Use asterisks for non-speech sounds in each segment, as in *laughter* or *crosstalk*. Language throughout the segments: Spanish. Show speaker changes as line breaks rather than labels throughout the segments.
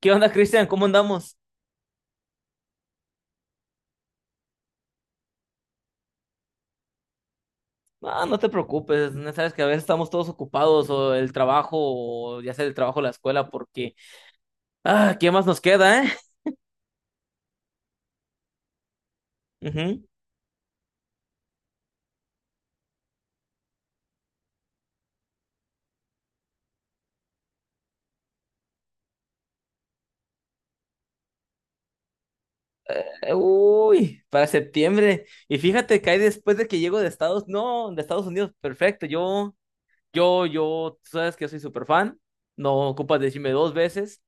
¿Qué onda, Cristian? ¿Cómo andamos? Ah, no te preocupes, no sabes que a veces estamos todos ocupados o el trabajo, o ya sea el trabajo o la escuela, porque, ah, ¿qué más nos queda, eh? Ujú. Uy, para septiembre. Y fíjate que hay después de que llego de Estados, no, de Estados Unidos, perfecto. Yo, tú sabes que yo soy súper fan, no ocupas decirme dos veces.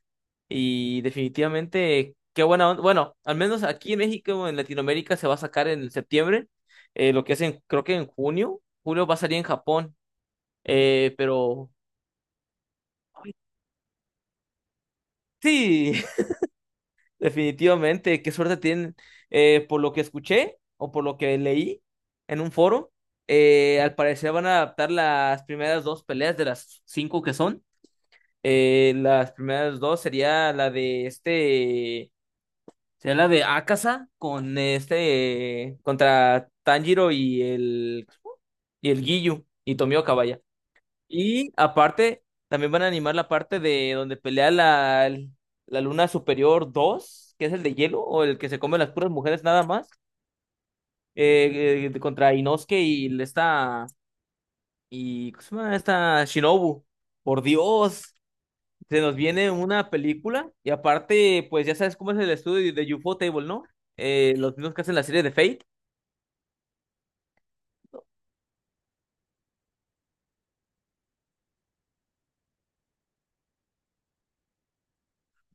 Y definitivamente, qué buena onda. Bueno, al menos aquí en México, en Latinoamérica, se va a sacar en septiembre. Lo que hacen, creo que en junio. Julio va a salir en Japón. Pero ay, sí, *laughs* definitivamente, qué suerte tienen. Por lo que escuché o por lo que leí en un foro, al parecer van a adaptar las primeras dos peleas de las cinco que son. Las primeras dos sería la de este. Sería la de Akasa con este contra Tanjiro y el Giyu y Tomioka, vaya. Y aparte también van a animar la parte de donde pelea la Luna Superior 2 que es el de hielo o el que se come las puras mujeres nada más, contra Inosuke y esta y ¿cómo se llama? Esta Shinobu. Por Dios, se nos viene una película y aparte, pues ya sabes cómo es el estudio de UFO Table, ¿no? Los mismos que hacen la serie de Fate.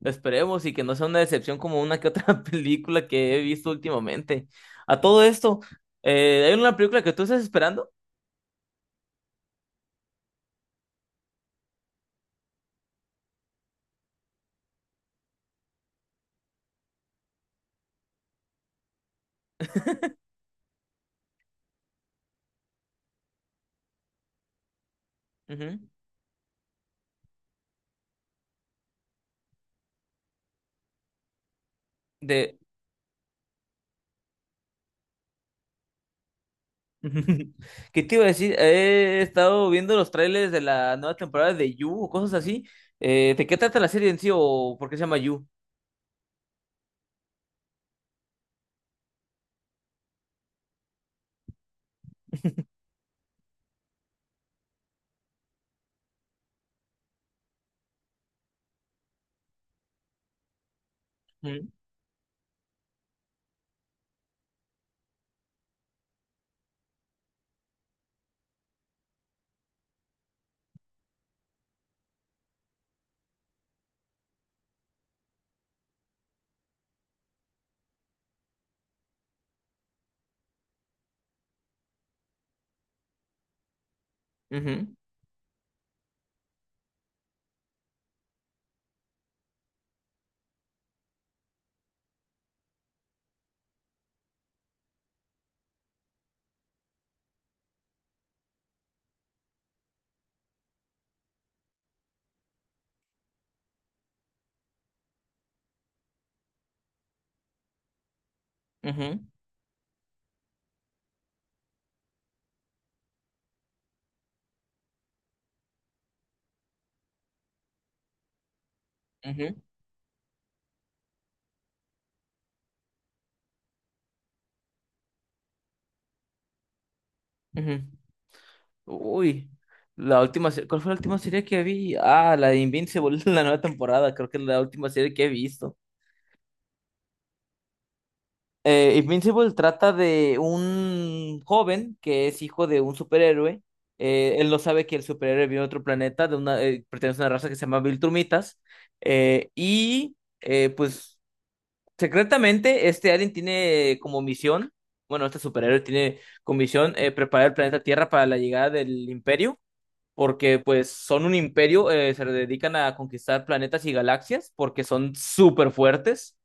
Esperemos y que no sea una decepción como una que otra *laughs* película que he visto últimamente. A todo esto, hay una película que tú estás esperando. Ujú. De... *laughs* ¿Qué te iba a decir? He estado viendo los trailers de la nueva temporada de You o cosas así. ¿De qué trata la serie en sí o por qué se llama You? Ujú, ujú, ujú, ujú, ujú. Uy, la última, ¿cuál fue la última serie que vi? Ah, la de Invincible, *laughs* la nueva temporada, creo que es la última serie que he visto. Invincible trata de un joven que es hijo de un superhéroe. Él no sabe que el superhéroe viene de otro planeta, pertenece a una raza que se llama Viltrumitas. Y pues secretamente este alien tiene como misión, bueno, este superhéroe tiene como misión preparar el planeta Tierra para la llegada del Imperio. Porque pues son un imperio, se dedican a conquistar planetas y galaxias porque son súper fuertes,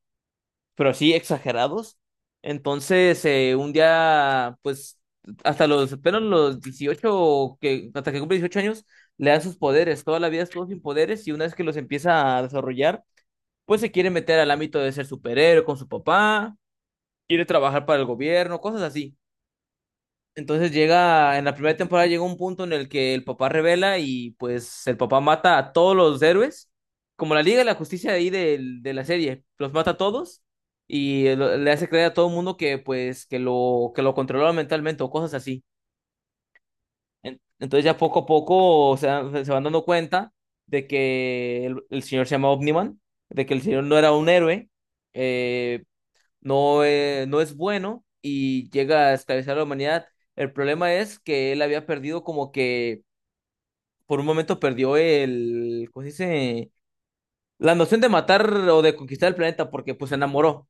pero así exagerados. Entonces, un día, pues, apenas los 18 que, hasta que cumple 18 años, le dan sus poderes. Toda la vida estuvo sin poderes y una vez que los empieza a desarrollar, pues se quiere meter al ámbito de ser superhéroe con su papá, quiere trabajar para el gobierno, cosas así. Entonces llega, en la primera temporada llega un punto en el que el papá revela y pues el papá mata a todos los héroes, como la Liga de la Justicia de ahí de, la serie, los mata a todos y le hace creer a todo el mundo que pues que lo controlaba mentalmente o cosas así. Entonces ya poco a poco se van dando cuenta de que el señor se llama Omniman, de que el señor no era un héroe, eh, no, no es bueno y llega a esclavizar a la humanidad. El problema es que él había perdido como que por un momento perdió el, ¿cómo se dice? La noción de matar o de conquistar el planeta porque pues se enamoró.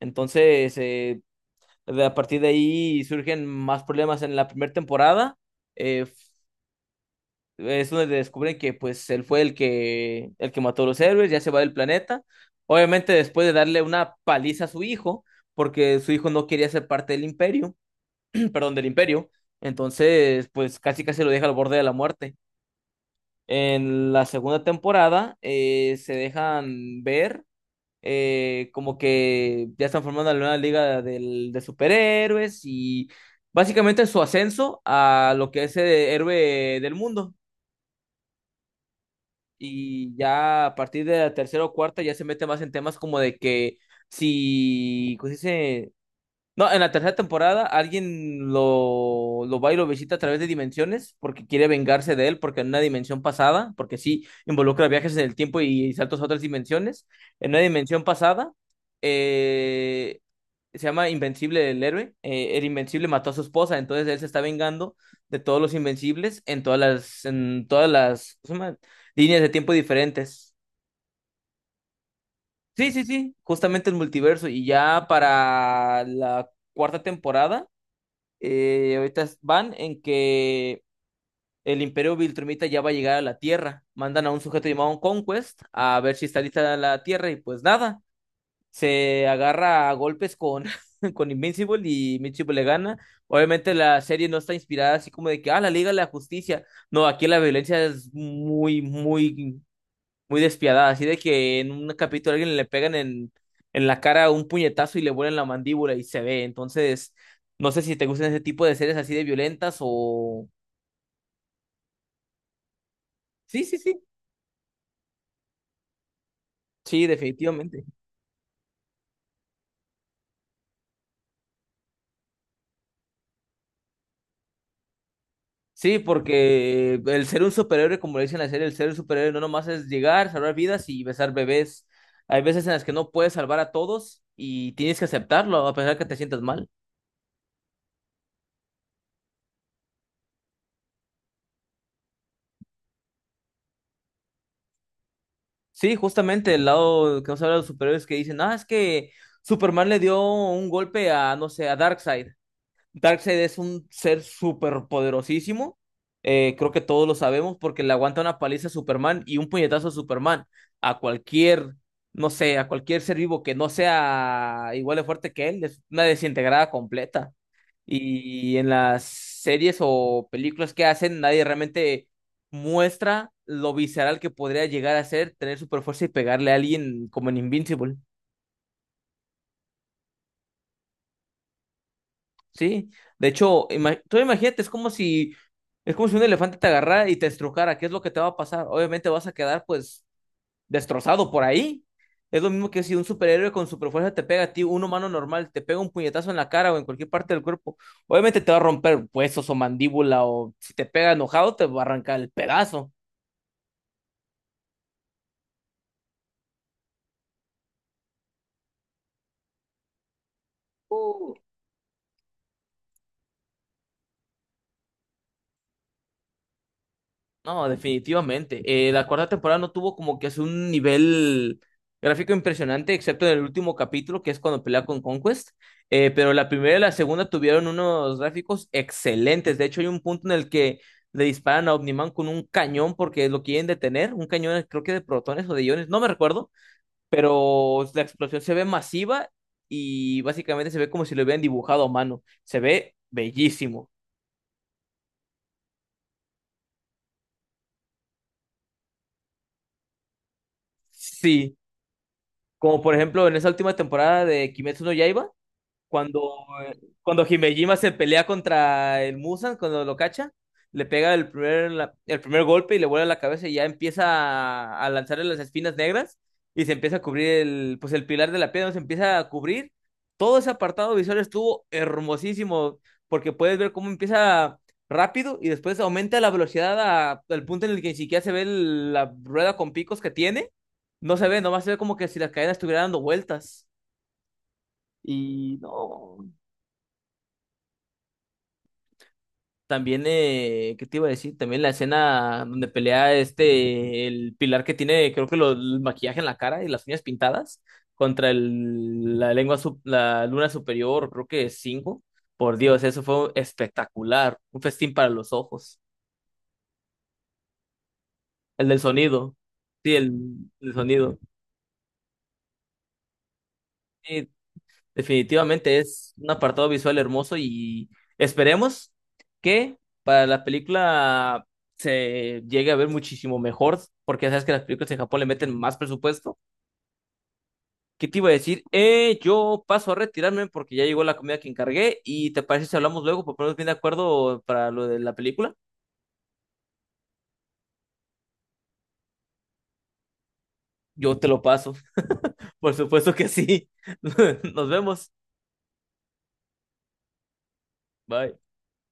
Entonces, a partir de ahí surgen más problemas en la primera temporada. Eh, es donde descubren que pues él fue el que mató a los héroes, ya se va del planeta. Obviamente después de darle una paliza a su hijo, porque su hijo no quería ser parte del imperio. Perdón, del imperio. Entonces, pues casi casi lo deja al borde de la muerte. En la segunda temporada se dejan ver como que ya están formando la nueva liga de superhéroes y básicamente su ascenso a lo que es el héroe del mundo. Y ya a partir de la tercera o cuarta ya se mete más en temas como de que si, ¿cómo se dice? No, en la tercera temporada alguien lo va y lo visita a través de dimensiones porque quiere vengarse de él, porque en una dimensión pasada, porque sí involucra viajes en el tiempo y saltos a otras dimensiones, en una dimensión pasada eh, se llama Invencible el héroe, el Invencible mató a su esposa, entonces él se está vengando de todos los Invencibles en todas las, ¿cómo se llama? Líneas de tiempo diferentes. Sí, sí, sí, justamente el multiverso y ya para la cuarta temporada. Ahorita van en que el Imperio Viltrumita ya va a llegar a la Tierra. Mandan a un sujeto llamado Conquest a ver si está lista la Tierra y pues nada, se agarra a golpes con, *laughs* con Invincible y Invincible le gana. Obviamente la serie no está inspirada así como de que, ah, la Liga de la Justicia. No, aquí la violencia es muy, muy muy despiadada, así de que en un capítulo a alguien le pegan en la cara un puñetazo y le vuelan la mandíbula y se ve. Entonces, no sé si te gustan ese tipo de series así de violentas o... Sí, sí, sí, sí, definitivamente. Sí, porque el ser un superhéroe, como le dicen en la serie, el ser un superhéroe no nomás es llegar, salvar vidas y besar bebés. Hay veces en las que no puedes salvar a todos y tienes que aceptarlo a pesar que te sientas mal. Sí, justamente el lado que nos habla de los superhéroes que dicen, ah, es que Superman le dio un golpe a, no sé, a Darkseid. Darkseid es un ser súper poderosísimo. Creo que todos lo sabemos porque le aguanta una paliza a Superman y un puñetazo a Superman. A cualquier, no sé, a cualquier ser vivo que no sea igual de fuerte que él, es una desintegrada completa. Y en las series o películas que hacen, nadie realmente muestra lo visceral que podría llegar a ser tener super fuerza y pegarle a alguien como en Invincible. Sí. De hecho, tú imagínate, es como si un elefante te agarrara y te estrujara. ¿Qué es lo que te va a pasar? Obviamente vas a quedar, pues, destrozado por ahí. Es lo mismo que si un superhéroe con superfuerza te pega a ti, un humano normal, te pega un puñetazo en la cara o en cualquier parte del cuerpo. Obviamente te va a romper huesos o mandíbula o si te pega enojado te va a arrancar el pedazo. No, definitivamente. La cuarta temporada no tuvo como que es un nivel gráfico impresionante, excepto en el último capítulo, que es cuando pelea con Conquest. Pero la primera y la segunda tuvieron unos gráficos excelentes. De hecho, hay un punto en el que le disparan a Omniman con un cañón porque lo quieren detener. Un cañón, creo que de protones o de iones, no me recuerdo. Pero la explosión se ve masiva y básicamente se ve como si lo hubieran dibujado a mano. Se ve bellísimo. Sí. Como por ejemplo en esa última temporada de Kimetsu no Yaiba, Cuando, cuando Himejima se pelea contra el Musan, cuando lo cacha, le pega el primer golpe y le vuela la cabeza y ya empieza a lanzarle las espinas negras y se empieza a cubrir pues el pilar de la piedra, se empieza a cubrir. Todo ese apartado visual estuvo hermosísimo porque puedes ver cómo empieza rápido y después aumenta la velocidad al punto en el que ni siquiera se ve la rueda con picos que tiene. No se ve, nomás se ve como que si la cadena estuviera dando vueltas. Y no. También, ¿qué te iba a decir? También la escena donde pelea este, el pilar que tiene, creo que el maquillaje en la cara y las uñas pintadas, contra el, la lengua, la luna superior, creo que es cinco. Por Dios, eso fue espectacular. Un festín para los ojos. El del sonido. Sí, el sonido. Definitivamente es un apartado visual hermoso y esperemos que para la película se llegue a ver muchísimo mejor, porque ya sabes que las películas en Japón le meten más presupuesto. ¿Qué te iba a decir? Yo paso a retirarme porque ya llegó la comida que encargué y te parece si hablamos luego para ponernos bien de acuerdo para lo de la película. Yo te lo paso. *laughs* Por supuesto que sí. *laughs* Nos vemos. Bye.